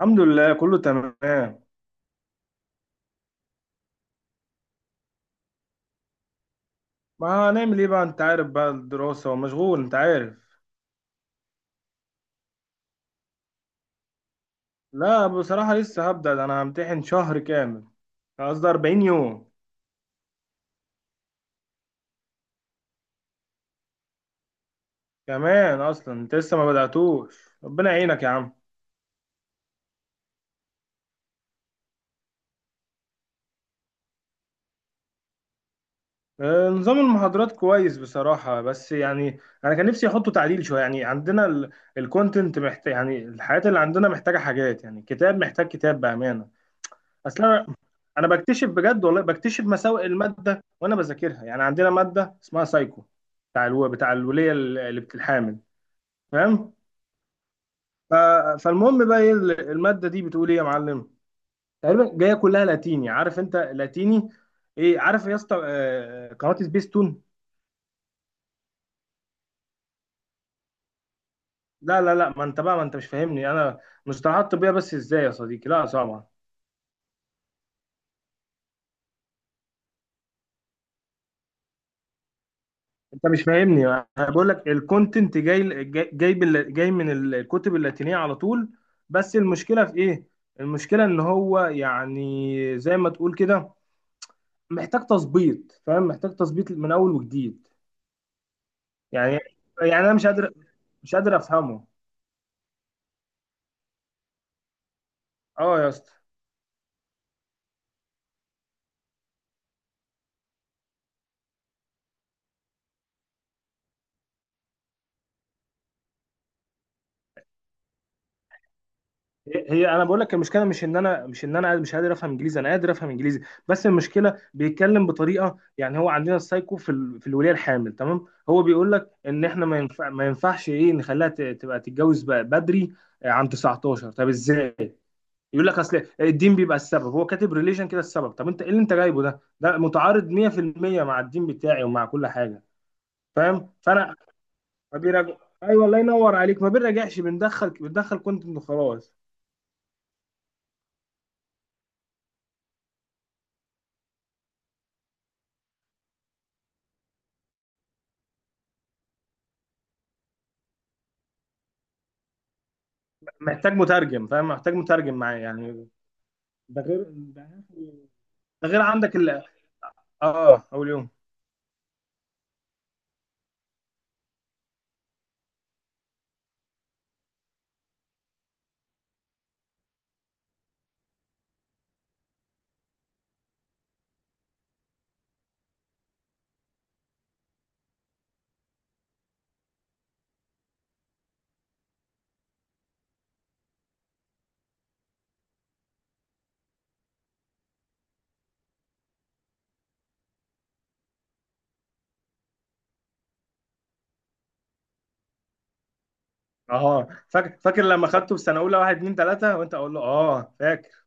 الحمد لله كله تمام. ما هنعمل ايه بقى؟ انت عارف بقى الدراسة ومشغول انت عارف. لا بصراحة لسه هبدأ، ده انا همتحن شهر كامل. قصدي 40 يوم كمان. اصلا انت لسه ما بدأتوش، ربنا يعينك يا عم. نظام المحاضرات كويس بصراحة، بس يعني انا كان نفسي احطه تعديل شوية. يعني عندنا الكونتنت محتاج، يعني الحاجات اللي عندنا محتاجة حاجات، يعني كتاب محتاج كتاب بأمانة اصلا. انا بكتشف بجد، والله بكتشف مساوئ الماده وانا بذاكرها. يعني عندنا ماده اسمها سايكو، بتاع الوليه اللي بتتحامل، فاهم؟ ف... فالمهم بقى ايه الماده دي بتقول ايه يا معلم؟ تقريبا جايه كلها لاتيني، عارف انت لاتيني ايه؟ عارف يا اسطى؟ قناه سبيستون. لا لا لا، ما انت مش فاهمني انا. مصطلحات طبيه بس ازاي يا صديقي؟ لا طبعا. انت مش فاهمني، انا بقول لك الكونتنت جاي من الكتب اللاتينيه على طول. بس المشكله في ايه؟ المشكله ان هو يعني زي ما تقول كده محتاج تظبيط، فاهم؟ محتاج تظبيط من اول وجديد. يعني يعني انا مش قادر، مش قادر افهمه. اه يا اسطى. هي انا بقول لك، المشكله مش ان انا مش قادر افهم انجليزي، انا قادر افهم انجليزي. بس المشكله بيتكلم بطريقه، يعني هو عندنا السايكو في الوليه الحامل، تمام؟ هو بيقول لك ان احنا ما ينفعش ايه، نخليها تبقى تتجوز بقى بدري. عن 19، طب ازاي؟ يقول لك اصل الدين بيبقى السبب، هو كاتب ريليشن كده السبب. طب انت ايه اللي انت جايبه ده؟ ده متعارض 100% مع الدين بتاعي ومع كل حاجه، فاهم؟ فانا ما بيراجع. ايوه، الله ينور عليك، ما بنراجعش، بندخل كونتنت وخلاص. محتاج مترجم، فاهم؟ محتاج مترجم معايا يعني. ده غير، ده غير عندك ال، اه اول يوم. اه فاكر، فاكر لما خدته في سنه اولى، واحد اتنين تلاته وانت اقول له اه فاكر.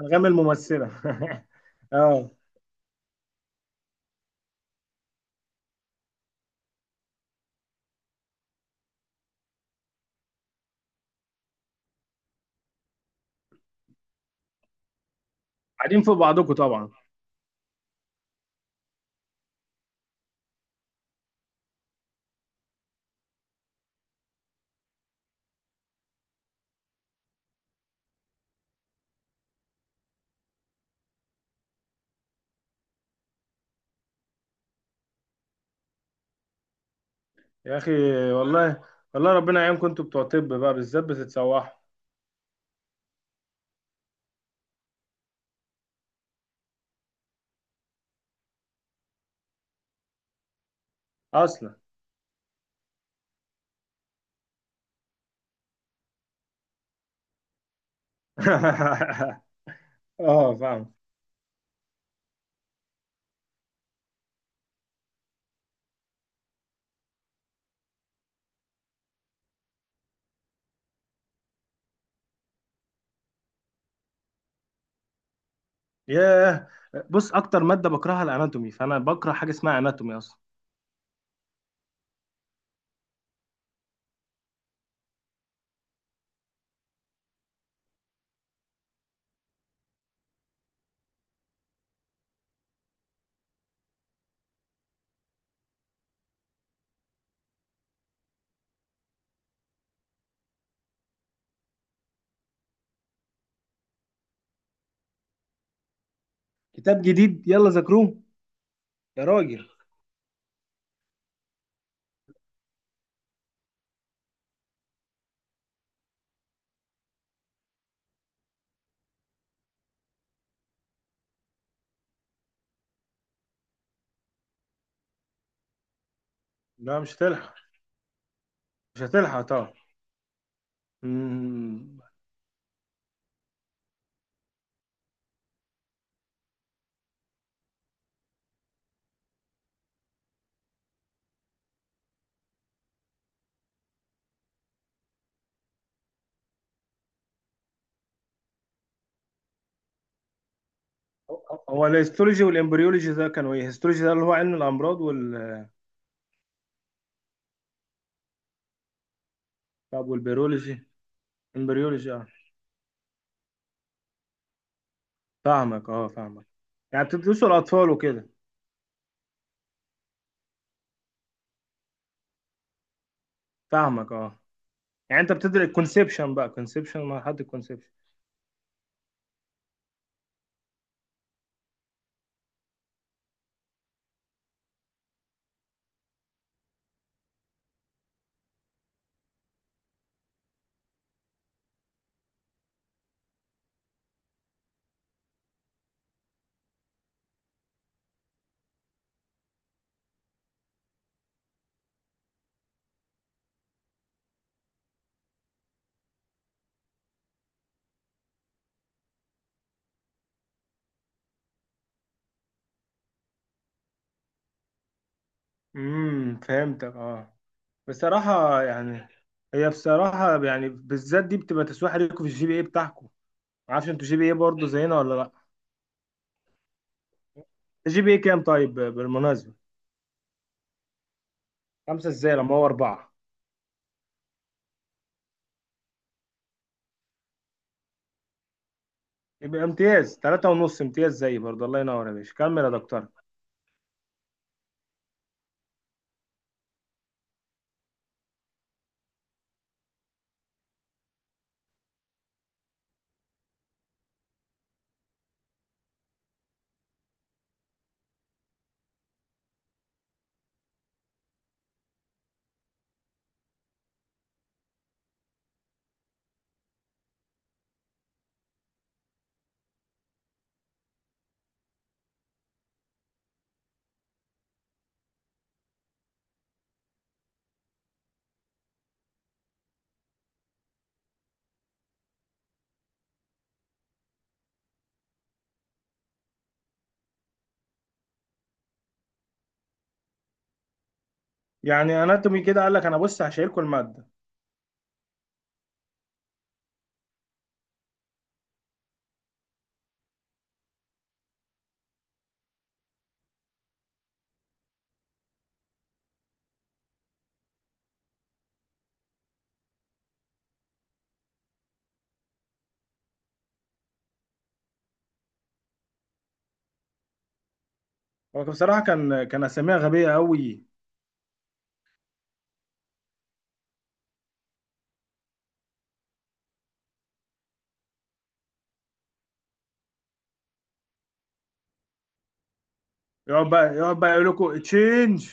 انغام الممثله. اه. قاعدين فوق بعضكم طبعا. يا اخي، والله، والله ربنا يعينكم، انتوا بتوع طب بقى بالذات بتتسوحوا اصلا. اه فاهم. ياه. بص اكتر ماده بكرهها الاناتومي، فانا بكره حاجه اسمها اناتومي اصلا. كتاب جديد يلا ذاكروه! يا راجل، لا مش هتلحق، مش هتلحق طبعا. امم. هو الهيستولوجي والامبريولوجي ده كانوا ايه؟ الهيستولوجي ده اللي هو علم الامراض وال، طب والبيولوجي؟ امبريولوجي اه، فاهمك، اه فاهمك. يعني بتدرسوا الاطفال وكده؟ فاهمك اه. يعني انت بتدرس الكونسبشن بقى، كونسبشن مرحله الكونسبشن. امم، فهمتك اه. بصراحه يعني، هي بصراحه يعني بالذات دي بتبقى تسويح ليكم في الجي بي اي بتاعكم. ما اعرفش انتوا جي بي اي برضه زينا ولا لا؟ الجي بي اي كام طيب بالمناسبه؟ خمسه ازاي لما هو اربعه؟ يبقى امتياز. تلاتة ونص امتياز زي برضه، الله ينور يا باشا، كمل يا دكتور. يعني اناتومي كده قال لك انا بص هشيلكوا الماده؟ هو بصراحه كان، كان اساميها غبيه قوي. يقعد بقى، يقعد بقى يقول لكم تشينج.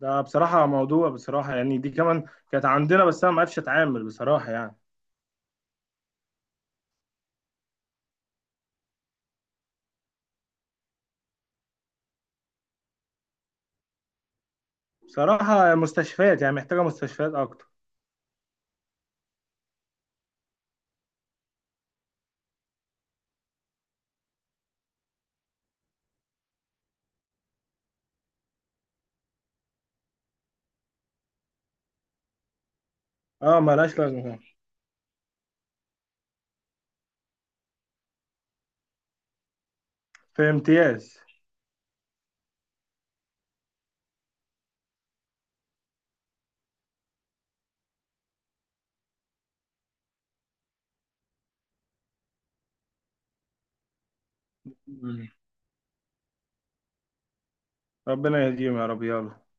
ده بصراحه موضوع، بصراحه يعني دي كمان كانت عندنا، بس انا ما عرفتش اتعامل بصراحه يعني. بصراحه مستشفيات، يعني محتاجه مستشفيات اكتر. اه ملهاش لازمه. في امتياز. مم. ربنا يهديهم يا رب، يلا.